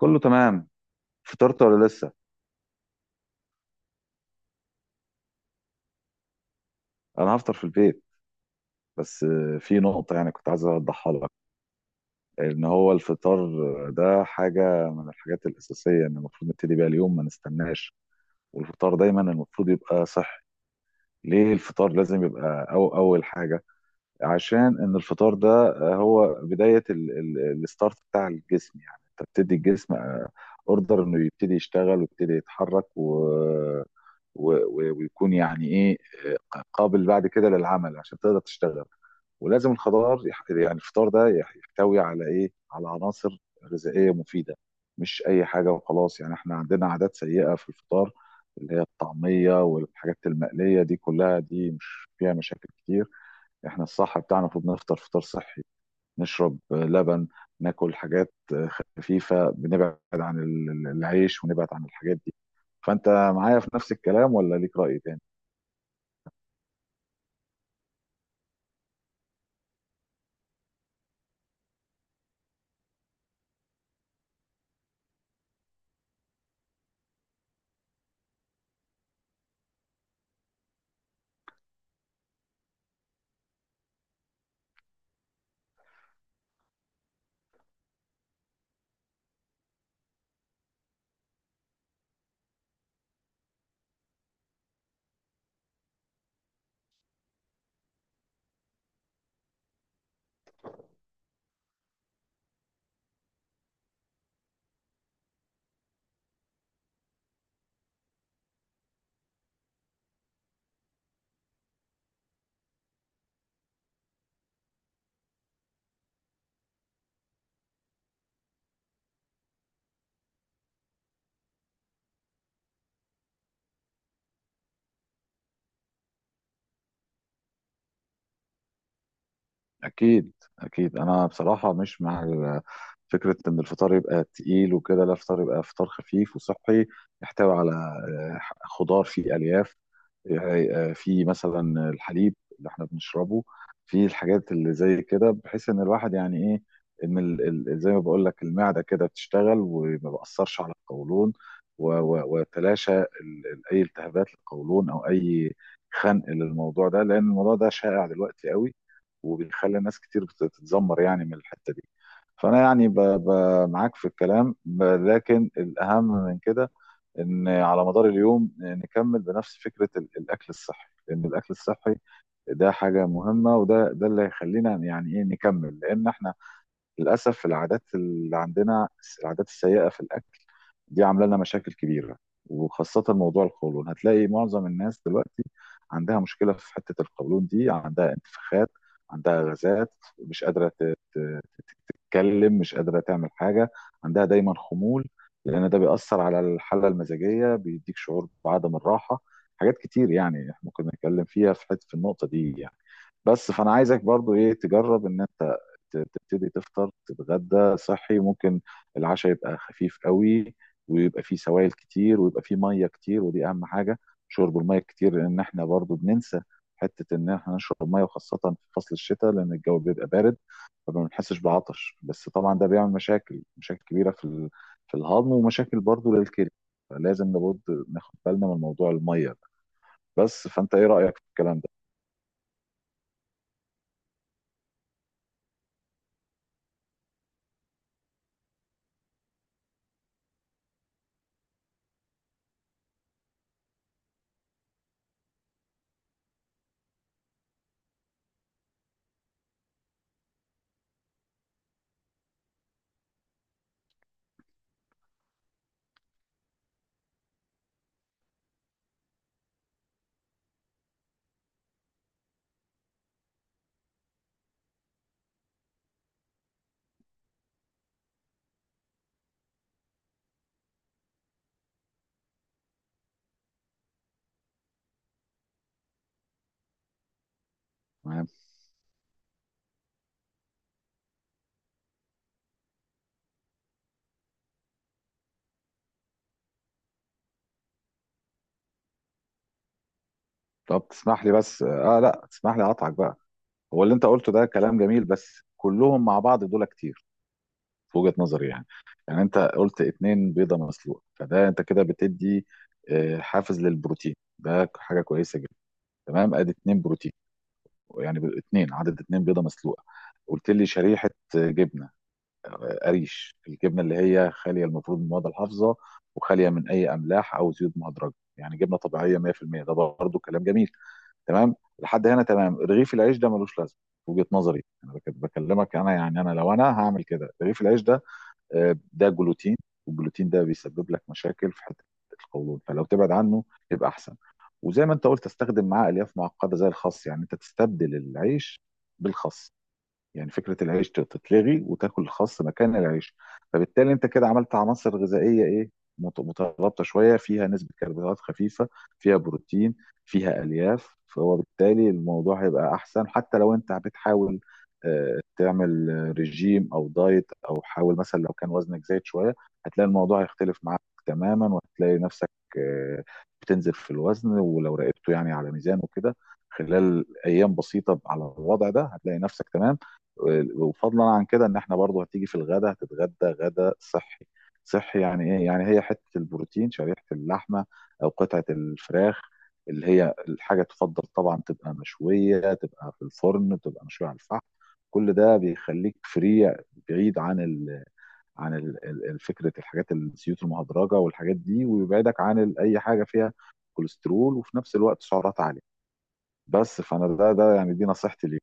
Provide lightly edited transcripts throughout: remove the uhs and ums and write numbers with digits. كله تمام. فطرت ولا لسه؟ انا هفطر في البيت. بس في نقطة يعني كنت عايز اوضحها لك. ان هو الفطار ده حاجة من الحاجات الأساسية ان المفروض نبتدي بيها اليوم، ما نستناش. والفطار دايما المفروض يبقى صحي. ليه الفطار لازم يبقى أو أول حاجة؟ عشان ان الفطار ده هو بدايه الستارت بتاع الجسم. يعني انت بتدي الجسم اوردر انه يبتدي يشتغل ويبتدي يتحرك ويكون يعني ايه، قابل بعد كده للعمل عشان تقدر تشتغل. ولازم الخضار يعني الفطار ده يحتوي على ايه، على عناصر غذائيه مفيده. مش اي حاجه وخلاص. يعني احنا عندنا عادات سيئه في الفطار، اللي هي الطعميه والحاجات المقليه دي كلها، دي مش فيها مشاكل كتير. احنا الصح بتاعنا المفروض نفطر فطار صحي، نشرب لبن، ناكل حاجات خفيفة، بنبعد عن العيش ونبعد عن الحاجات دي. فانت معايا في نفس الكلام ولا ليك رأي تاني؟ اكيد، اكيد، انا بصراحة مش مع فكرة ان الفطار يبقى تقيل وكده. لا، الفطار يبقى فطار خفيف وصحي، يحتوي على خضار فيه الياف. يعني في مثلا الحليب اللي احنا بنشربه، في الحاجات اللي زي كده، بحيث ان الواحد يعني ايه، ان ال زي ما بقول لك المعده كده بتشتغل وما بأثرش على القولون ويتلاشى اي التهابات للقولون او اي خنق للموضوع ده، لان الموضوع ده شائع دلوقتي قوي وبيخلي ناس كتير بتتذمر يعني من الحته دي. فانا يعني معاك في الكلام، لكن الاهم من كده ان على مدار اليوم نكمل بنفس فكره الاكل الصحي، لان الاكل الصحي ده حاجه مهمه، وده اللي هيخلينا يعني ايه نكمل. لان احنا للأسف العادات اللي عندنا، العادات السيئة في الأكل، دي عاملة لنا مشاكل كبيرة، وخاصة موضوع القولون. هتلاقي معظم الناس دلوقتي عندها مشكلة في حتة القولون دي، عندها انتفاخات، عندها غازات، مش قادرة تتكلم، مش قادرة تعمل حاجة، عندها دايما خمول، لأن ده بيأثر على الحالة المزاجية، بيديك شعور بعدم الراحة. حاجات كتير يعني إحنا ممكن نتكلم فيها في حتة في النقطة دي يعني. بس فأنا عايزك برضو إيه تجرب إن أنت تبتدي تفطر تتغدى صحي. ممكن العشاء يبقى خفيف قوي، ويبقى فيه سوائل كتير، ويبقى فيه ميه كتير، ودي اهم حاجه. شرب الميه كتير، لان احنا برضو بننسى حته ان احنا نشرب ميه، وخاصه في فصل الشتاء لان الجو بيبقى بارد فما بنحسش بعطش. بس طبعا ده بيعمل مشاكل، مشاكل كبيره في في الهضم، ومشاكل برضو للكلى. فلازم لابد ناخد بالنا من موضوع الميه ده. بس فانت ايه رايك في الكلام ده؟ تمام. طب تسمح لي بس، اه لا تسمح لي اقطعك بقى. هو اللي انت قلته ده كلام جميل، بس كلهم مع بعض دول كتير في وجهة نظري يعني. يعني انت قلت اتنين بيضة مسلوقة، فده انت كده بتدي حافز للبروتين. ده حاجة كويسة جدا، تمام، ادي اتنين بروتين. يعني اتنين، عدد اتنين بيضة مسلوقة. قلت لي شريحة جبنة قريش، الجبنة اللي هي خالية المفروض من المواد الحافظة وخالية من اي املاح او زيوت مهدرجة، يعني جبنة طبيعية 100%. ده برضو كلام جميل، تمام، لحد هنا تمام. رغيف العيش ده ملوش لازمه في وجهه نظري، انا بكلمك. انا يعني انا لو انا هعمل كده، رغيف العيش ده ده جلوتين، والجلوتين ده بيسبب لك مشاكل في حته القولون، فلو تبعد عنه يبقى احسن. وزي ما انت قلت استخدم معاه الياف معقده زي الخس، يعني انت تستبدل العيش بالخس. يعني فكرة العيش تتلغي وتاكل الخس مكان العيش. فبالتالي انت كده عملت عناصر غذائية ايه، مترابطة شوية، فيها نسبة كربوهيدرات خفيفة، فيها بروتين، فيها ألياف. فهو بالتالي الموضوع هيبقى أحسن، حتى لو انت بتحاول تعمل رجيم أو دايت، أو حاول مثلا لو كان وزنك زايد شوية هتلاقي الموضوع هيختلف معاك تماما، وهتلاقي نفسك آه، بتنزل في الوزن. ولو راقبته يعني على ميزان وكده خلال أيام بسيطة على الوضع ده هتلاقي نفسك تمام. وفضلا عن كده ان احنا برضو هتيجي في الغدا، هتتغدى غدا صحي. صحي يعني ايه، يعني هي حته البروتين، شريحه اللحمه او قطعه الفراخ، اللي هي الحاجه تفضل طبعا تبقى مشويه، تبقى في الفرن، تبقى مشويه على الفحم. كل ده بيخليك فري، بعيد عن ال عن فكره الحاجات الزيوت المهدرجه والحاجات دي، ويبعدك عن اي حاجه فيها كوليسترول، وفي نفس الوقت سعرات عاليه. بس فانا ده يعني دي نصيحتي ليك.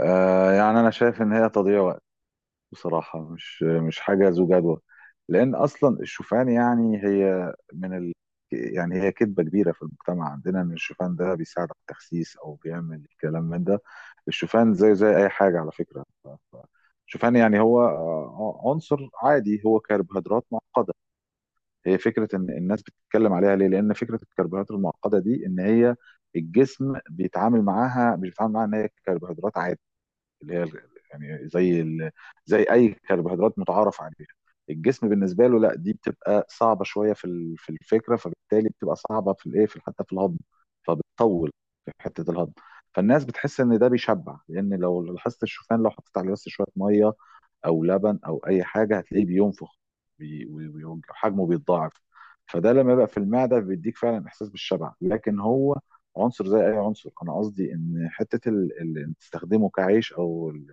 آه، يعني انا شايف ان هي تضييع وقت بصراحة. مش، مش حاجة ذو جدوى. لأن أصلا الشوفان يعني هي من ال... يعني هي كذبة كبيرة في المجتمع عندنا إن الشوفان ده بيساعد على التخسيس أو بيعمل كلام من ده. الشوفان زيه زي أي حاجة على فكرة. الشوفان يعني هو عنصر عادي، هو كربوهيدرات معقدة. هي فكرة إن الناس بتتكلم عليها ليه؟ لأن فكرة الكربوهيدرات المعقدة دي إن هي الجسم بيتعامل معاها، مش بيتعامل معاها إن هي كربوهيدرات عادي، اللي هي يعني زي ال... زي اي كربوهيدرات متعارف عليها. الجسم بالنسبه له لا، دي بتبقى صعبه شويه في في الفكره، فبالتالي بتبقى صعبه في الايه، في حتى في الهضم، فبتطول في حته الهضم. فالناس بتحس ان ده بيشبع، لان لو لاحظت الشوفان لو حطيت عليه بس شويه ميه او لبن او اي حاجه هتلاقيه بينفخ، وحجمه بيتضاعف. فده لما يبقى في المعده بيديك فعلا احساس بالشبع، لكن هو عنصر زي اي عنصر. انا قصدي ان حته إن تستخدمه كعيش او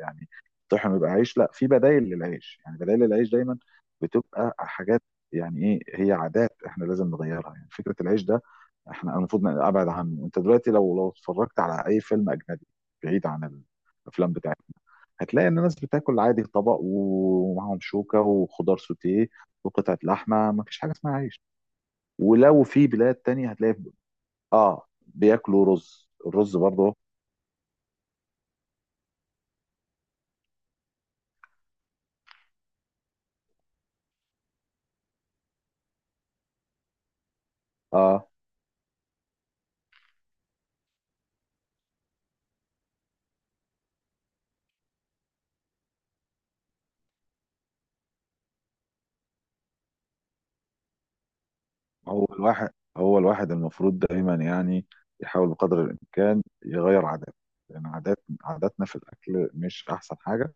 يعني الطحن يبقى عيش، لا، في بدايل للعيش. يعني بدايل للعيش دايما بتبقى حاجات يعني ايه، هي عادات احنا لازم نغيرها. يعني فكره العيش ده احنا المفروض ابعد عنه. انت دلوقتي لو اتفرجت على اي فيلم اجنبي، بعيد عن الافلام بتاعتنا، هتلاقي ان الناس بتاكل عادي، طبق ومعاهم شوكه وخضار سوتيه وقطعه لحمه، ما فيش حاجه اسمها عيش. ولو في بلاد تانية هتلاقي اه بياكلوا رز، الرز برضه. اه، هو الواحد هو الواحد المفروض دايما يعني يحاول بقدر الامكان يغير عاداته، لان عاداتنا في الاكل مش احسن حاجه.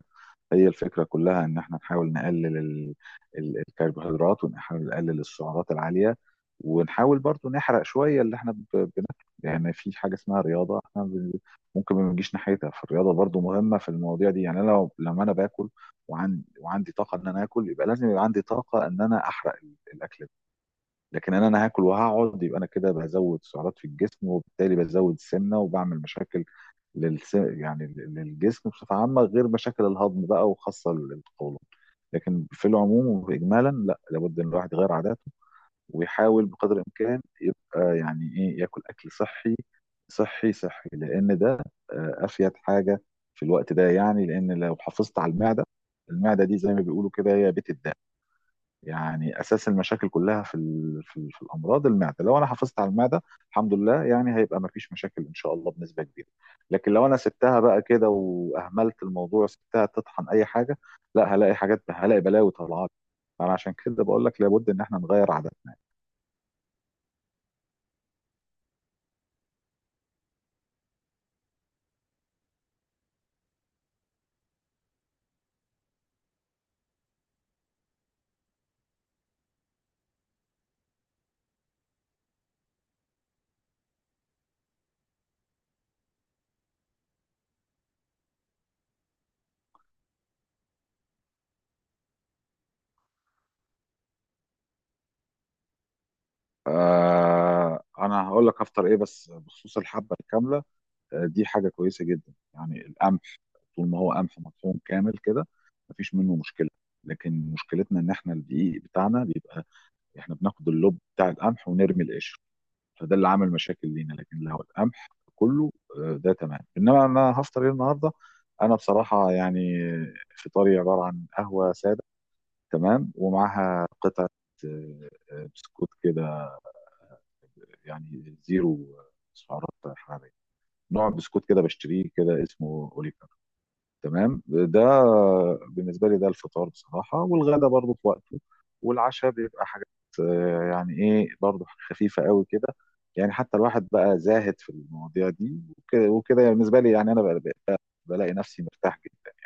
هي الفكرة كلها إن إحنا نحاول نقلل الكربوهيدرات، ونحاول نقلل السعرات العالية، ونحاول برضو نحرق شوية اللي إحنا بناكله. يعني في حاجة اسمها رياضة، إحنا ممكن ما بنجيش ناحيتها. فالرياضة برضو مهمة في المواضيع دي. يعني أنا لو لما أنا باكل وعندي طاقة إن أنا آكل، يبقى لازم يبقى عندي طاقة إن أنا أحرق الأكل ده. لكن إن أنا هاكل وهقعد، يبقى أنا كده بزود سعرات في الجسم، وبالتالي بزود السمنة وبعمل مشاكل يعني للجسم بصفة عامة، غير مشاكل الهضم بقى وخاصة القولون. لكن في العموم وإجمالا لا، لابد إن الواحد يغير عاداته، ويحاول بقدر الإمكان يبقى يعني إيه ياكل أكل صحي. صحي، صحي، لأن ده أفيد حاجة في الوقت ده يعني. لأن لو حافظت على المعدة، المعدة دي زي ما بيقولوا كده هي بيت الدم. يعني اساس المشاكل كلها في في, في الامراض المعده. لو انا حافظت على المعده، الحمد لله يعني هيبقى ما فيش مشاكل ان شاء الله بنسبه كبيره. لكن لو انا سبتها بقى كده، واهملت الموضوع، سبتها تطحن اي حاجه، لا، هلاقي حاجات، هلاقي بلاوي طالعه لي. فانا عشان كده بقول لك لابد ان احنا نغير عاداتنا. آه، انا هقول لك هفطر ايه، بس بخصوص الحبه الكامله دي حاجه كويسه جدا. يعني القمح طول ما هو قمح مطحون كامل كده مفيش منه مشكله. لكن مشكلتنا ان احنا الدقيق بتاعنا بيبقى احنا بناخد اللب بتاع القمح ونرمي القشر، فده اللي عمل مشاكل لينا. لكن لو القمح كله ده تمام. انما انا هفطر ايه النهارده؟ انا بصراحه يعني فطاري عباره عن قهوه ساده، تمام، ومعاها قطعه بسكوت كده، يعني زيرو سعرات حراريه. نوع بسكوت كده بشتريه، كده اسمه اوليكو، تمام. ده بالنسبه لي ده الفطار بصراحه. والغدا برضو في وقته، والعشاء بيبقى حاجات يعني ايه برضو خفيفه قوي كده. يعني حتى الواحد بقى زاهد في المواضيع دي وكده وكده، يعني بالنسبه لي، يعني انا بقى بقى- بلاقي نفسي مرتاح جدا.